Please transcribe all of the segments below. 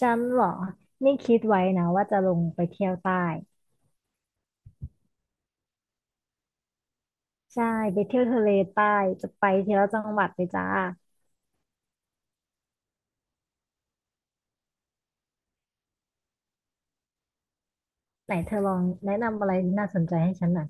ฉันเหรอนี่คิดไว้นะว่าจะลงไปเที่ยวใต้ใช่ไปเที่ยวทะเลใต้จะไปเทียวจังหวัดเลยจ้า ไหนเธอลองแนะนำอะไรที่น่าสนใจให้ฉันหน่อย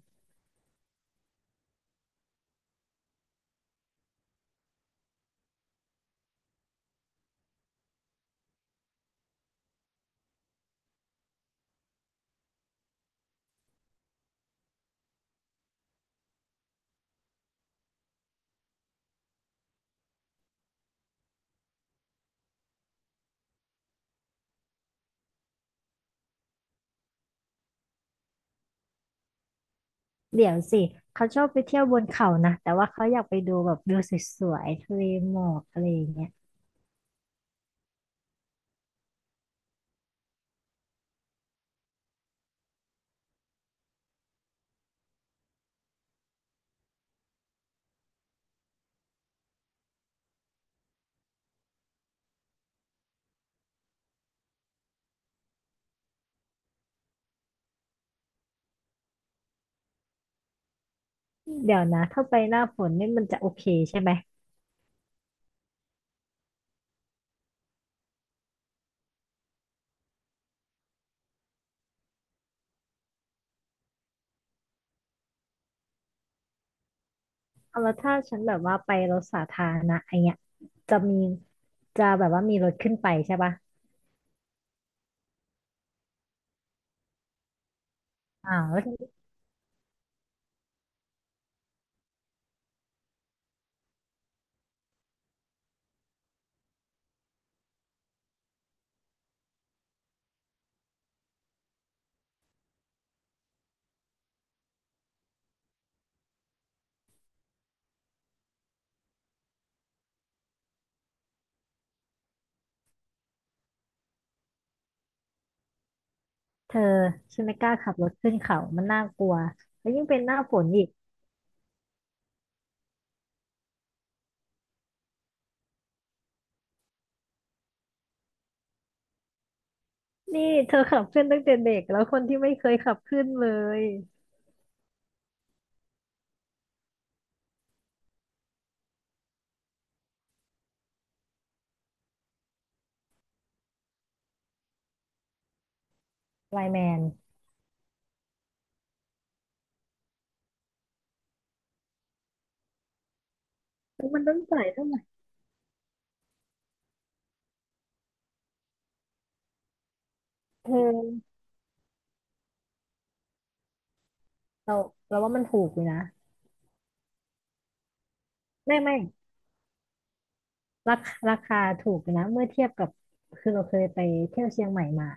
เดี๋ยวสิเขาชอบไปเที่ยวบนเขานะแต่ว่าเขาอยากไปดูแบบวิวสวยๆทะเลหมอกอะไรอย่างเงี้ยเดี๋ยวนะถ้าไปหน้าฝนนี่มันจะโอเคใช่ไหมเอาแล้วถ้าฉันแบบว่าไปรถสาธารณะไอเงี้ยจะมีจะแบบว่ามีรถขึ้นไปใช่ปะอ่าว เธอฉันไม่กล้าขับรถขึ้นเขามันน่ากลัวแล้วยิ่งเป็นหน้าฝนอีกนี่เธอขับขึ้นตั้งแต่เด็กแล้วคนที่ไม่เคยขับขึ้นเลยไลน์แมนแล้วมันต้องจ่ายเท่าไหร่เธอเราเราว่ามันถูกอยู่นะไม่ไม่ราคาถูกอยู่นะเมื่อเทียบกับคือเราเคยไปเที่ยวเชียงใหม่มา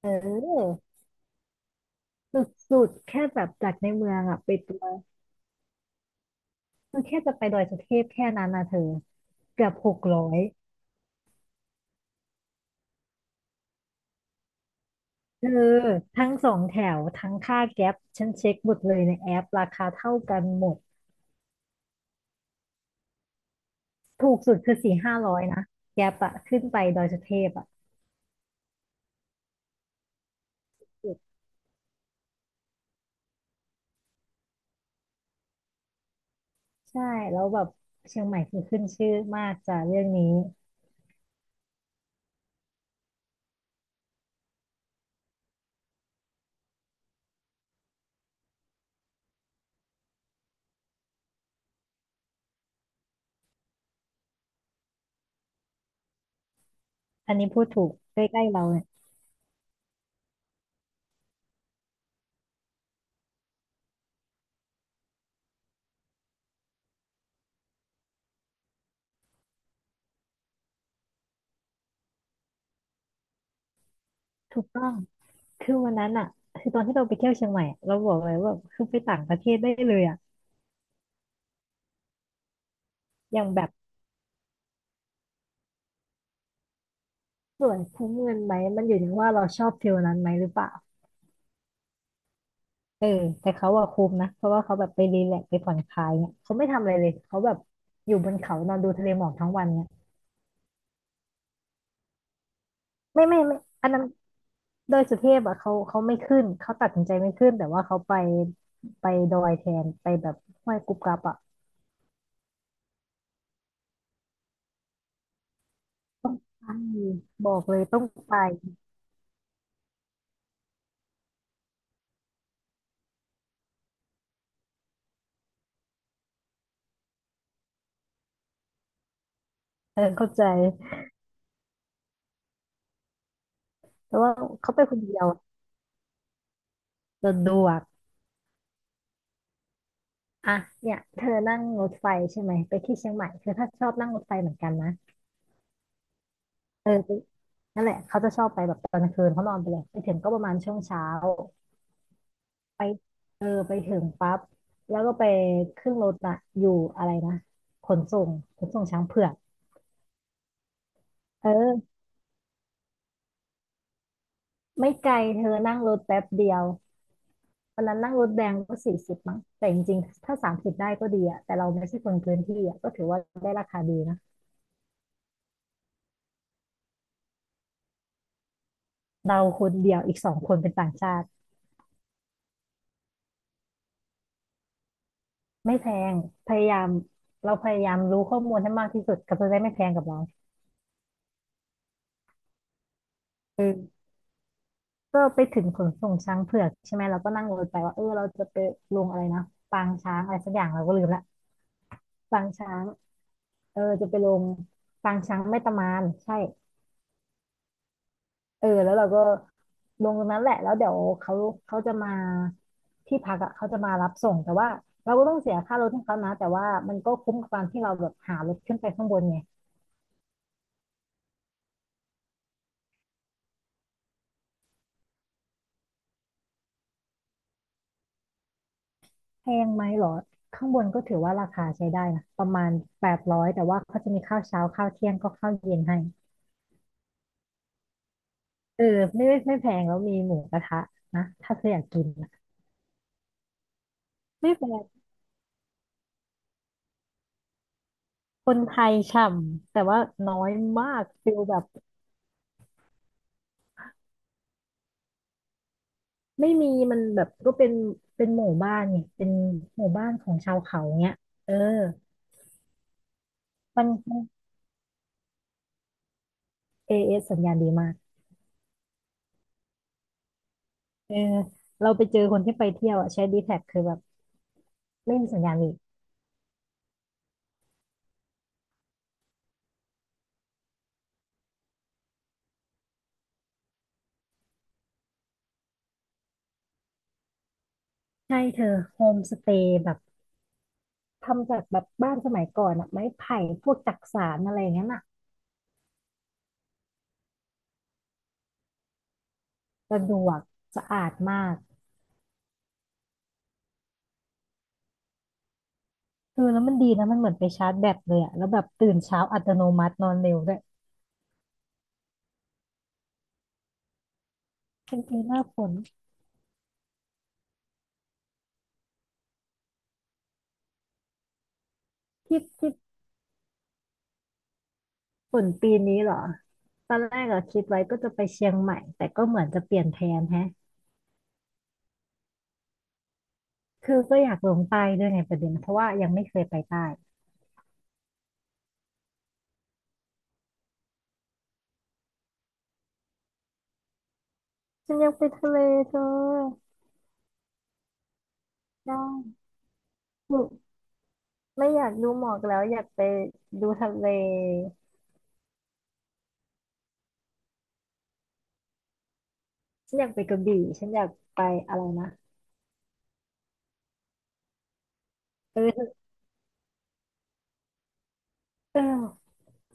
เออสุดๆแค่แบบจากในเมืองอะไปตัวมันแค่จะไปดอยสุเทพแค่นั้นนะเธอเกือบ600 เธอทั้งสองแถวทั้งค่าแก๊ปฉันเช็คหมดเลยในแอปราคาเท่ากันหมดถูกสุดคือสี่ห้าร้อยนะแก๊ปอะขึ้นไปดอยสุเทพอะใช่แล้วแบบเชียงใหม่คือขึ้นชื่อมากจากเรื่องนี้อันนี้พูดถูกใกล้ๆเราเนี่ยถูกต้องคือวันนั้นอะคือตอนที่เราไปเที่ยวเชียงใหม่อะเราบอกเลยว่าคือไปต่างประเทศได้เลยอะอย่างแบบสวยคุ้มเงินไหมมันอยู่ที่ว่าเราชอบฟิลนั้นไหมหรือเปล่า เออแต่เขาอะคุมนะเพราะว่าเขาแบบไปรีแลกซ์ไปผ่อนคลายเนี่ยเขาไม่ทำอะไรเลยเขาแบบอยู่บนเขานอนดูทะเลหมอกทั้งวันเนี่ยไม่ไม่ไม่อันนั้นดอยสุเทพอะเขาไม่ขึ้นเขาตัดสินใจไม่ขึ้นแต่ว่าเขาไปไปดอยแทนไปแบบห้วยกุบกับอะใช่บอกเลยต้องไปเออเข้าใจแต่ว่าเขาไปคนเดียวสะดวกอ่ะเนี่ยเธอนั่งรถไฟใช่ไหมไปที่เชียงใหม่คือถ้าชอบนั่งรถไฟเหมือนกันนะ เออนั่นแหละ เขาจะชอบไปแบบตอนกลางคืนเขานอนไปเลยไปถึงก็ประมาณช่วงเช้าไปเออไปถึงปั๊บแล้วก็ไปขึ้นรถอะอยู่อะไรนะขนส่งขนส่งช้างเผือกเออไม่ไกลเธอนั่งรถแป๊บเดียววันนั้นนั่งรถแดงก็40มั้งแต่จริงๆถ้า30ได้ก็ดีอะแต่เราไม่ใช่คนพื้นที่อะก็ถือว่าได้ราคาดีนะเราคนเดียวอีกสองคนเป็นต่างชาติไม่แพงพยายามเราพยายามรู้ข้อมูลให้มากที่สุดก็จะได้ไม่แพงกับเราเออ ก็ไปถึงขนส่งช้างเผือกใช่ไหมเราก็นั่งรถไปว่าเออเราจะไปลงอะไรนะปางช้างอะไรสักอย่างเราก็ลืมละปางช้างเออจะไปลงปางช้างแม่ตะมานใช่เออแล้วเราก็ลงตรงนั้นแหละแล้วเดี๋ยวเขาเขาจะมาที่พักอะเขาจะมารับส่งแต่ว่าเราก็ต้องเสียค่ารถให้เขานะแต่ว่ามันก็คุ้มกับการที่เราแบบหารถขึ้นไปข้างบนไงแพงไหมเหรอข้างบนก็ถือว่าราคาใช้ได้นะประมาณ800แต่ว่าเขาจะมีข้าวเช้าข้าวเที่ยงก็ข้าวเย็นให้ เออไม่ไม่ไม่แพงแล้วมีหมูกระทะนะถ้าเธออยากกินนะไม่แพงคนไทยฉ่ำแต่ว่าน้อยมากฟิลแบบไม่มีมันแบบก็เป็นหมู่บ้านไงเป็นหมู่บ้านของชาวเขาเนี้ยเออมันเอเอสสัญญาณดีมากเออเราไปเจอคนที่ไปเที่ยวอ่ะใช้ดีแท็กคือแบบไม่มีสัญญาณอีกใช่เธอโฮมสเตย์แบบทำจากแบบบ้านสมัยก่อนอ่ะไม้ไผ่พวกจักสานอะไรอย่างเงี้ยนอ่ะสะดวกสะอาดมาก คือแล้วมันดีนะมันเหมือนไปชาร์จแบตเลยอะแล้วแบบตื่นเช้าอัตโนมัตินอนเร็วด้วยจริงหน้าฝนที่ฝนปีนี้เหรอตอนแรกอะคิดไว้ก็จะไปเชียงใหม่แต่ก็เหมือนจะเปลี่ยนแผนแฮะคือก็อยากลงใต้ด้วยไงประเด็นเพราะว่ายังไม่เคยไปใต้ฉันอยากไปทะเลเธอได้ไม่ไม่อยากดูหมอกแล้วอยากไปดูทะเลฉันอยากไปกระบี่ฉันอยากไปอะไรนะเออเออ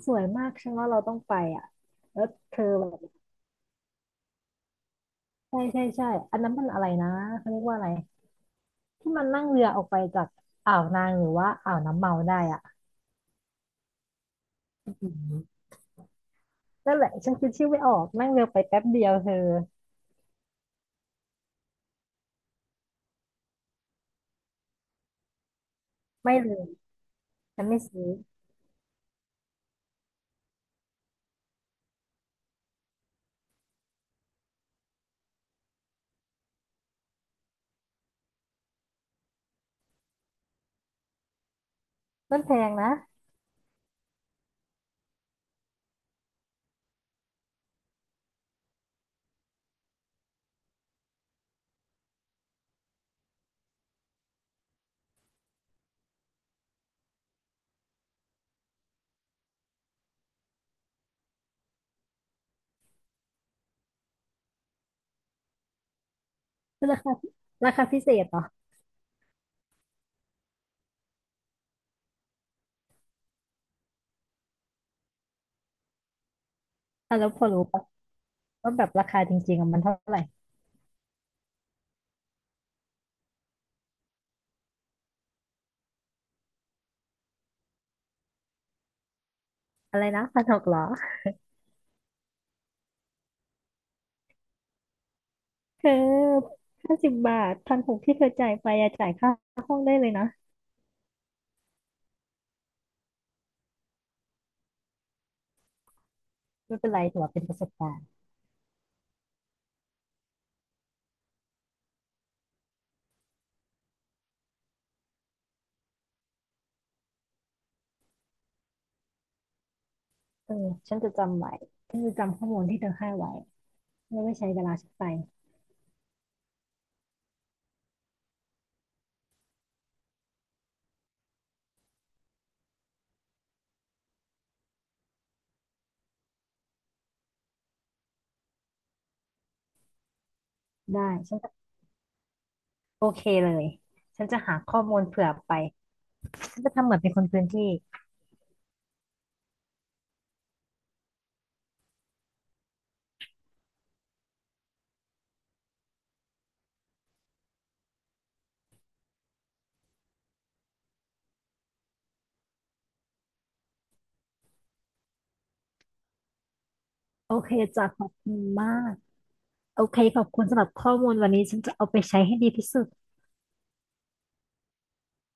สวยมากฉันว่าเราต้องไปอะแล้วเธอแบบ ใช่ใช่ใช่อันนั้นมันอะไรนะเขาเรียกว่าอะไรที่มันนั่งเรือออกไปจากอ่าวนางหรือว่าอ่าวน้ำเมาได้อะอืมนั่นแหละฉันคิดชื่อไม่ออกนั่งเรือไปแป๊บเดียวเธอไม่เลยฉันไม่ซื้อมันแพงนะคือราคาพิเศษเหรออ่ะแล้วพอรู้ปะว่าแบบราคาจริงๆอะมันเท่าไหร่อะไรนะพันหกเหรอเธอ50 บาทพันหกที่เธอจ่ายไปอะจ่ายค่าห้องได้เลยนะไม่เป็นไรถือว่าเป็นประสบการณ์เออฉันจะจำไว้ฉันจะจำข้อมูลที่เธอให้ไว้ไม่ไว้ใช้เวลาฉันไป ได้ฉันจะโอเคเลย ฉันจะหาข้อมูลเผื่อไป ฉันจะทำเหมือนเป็นคนพื้นที่โอเคจ้ะขอบคุณมาก โอเคขอบคุณสำหรับข้อมูลวันนี้ฉันจะเอาไปใช้ให้ดีที่สุด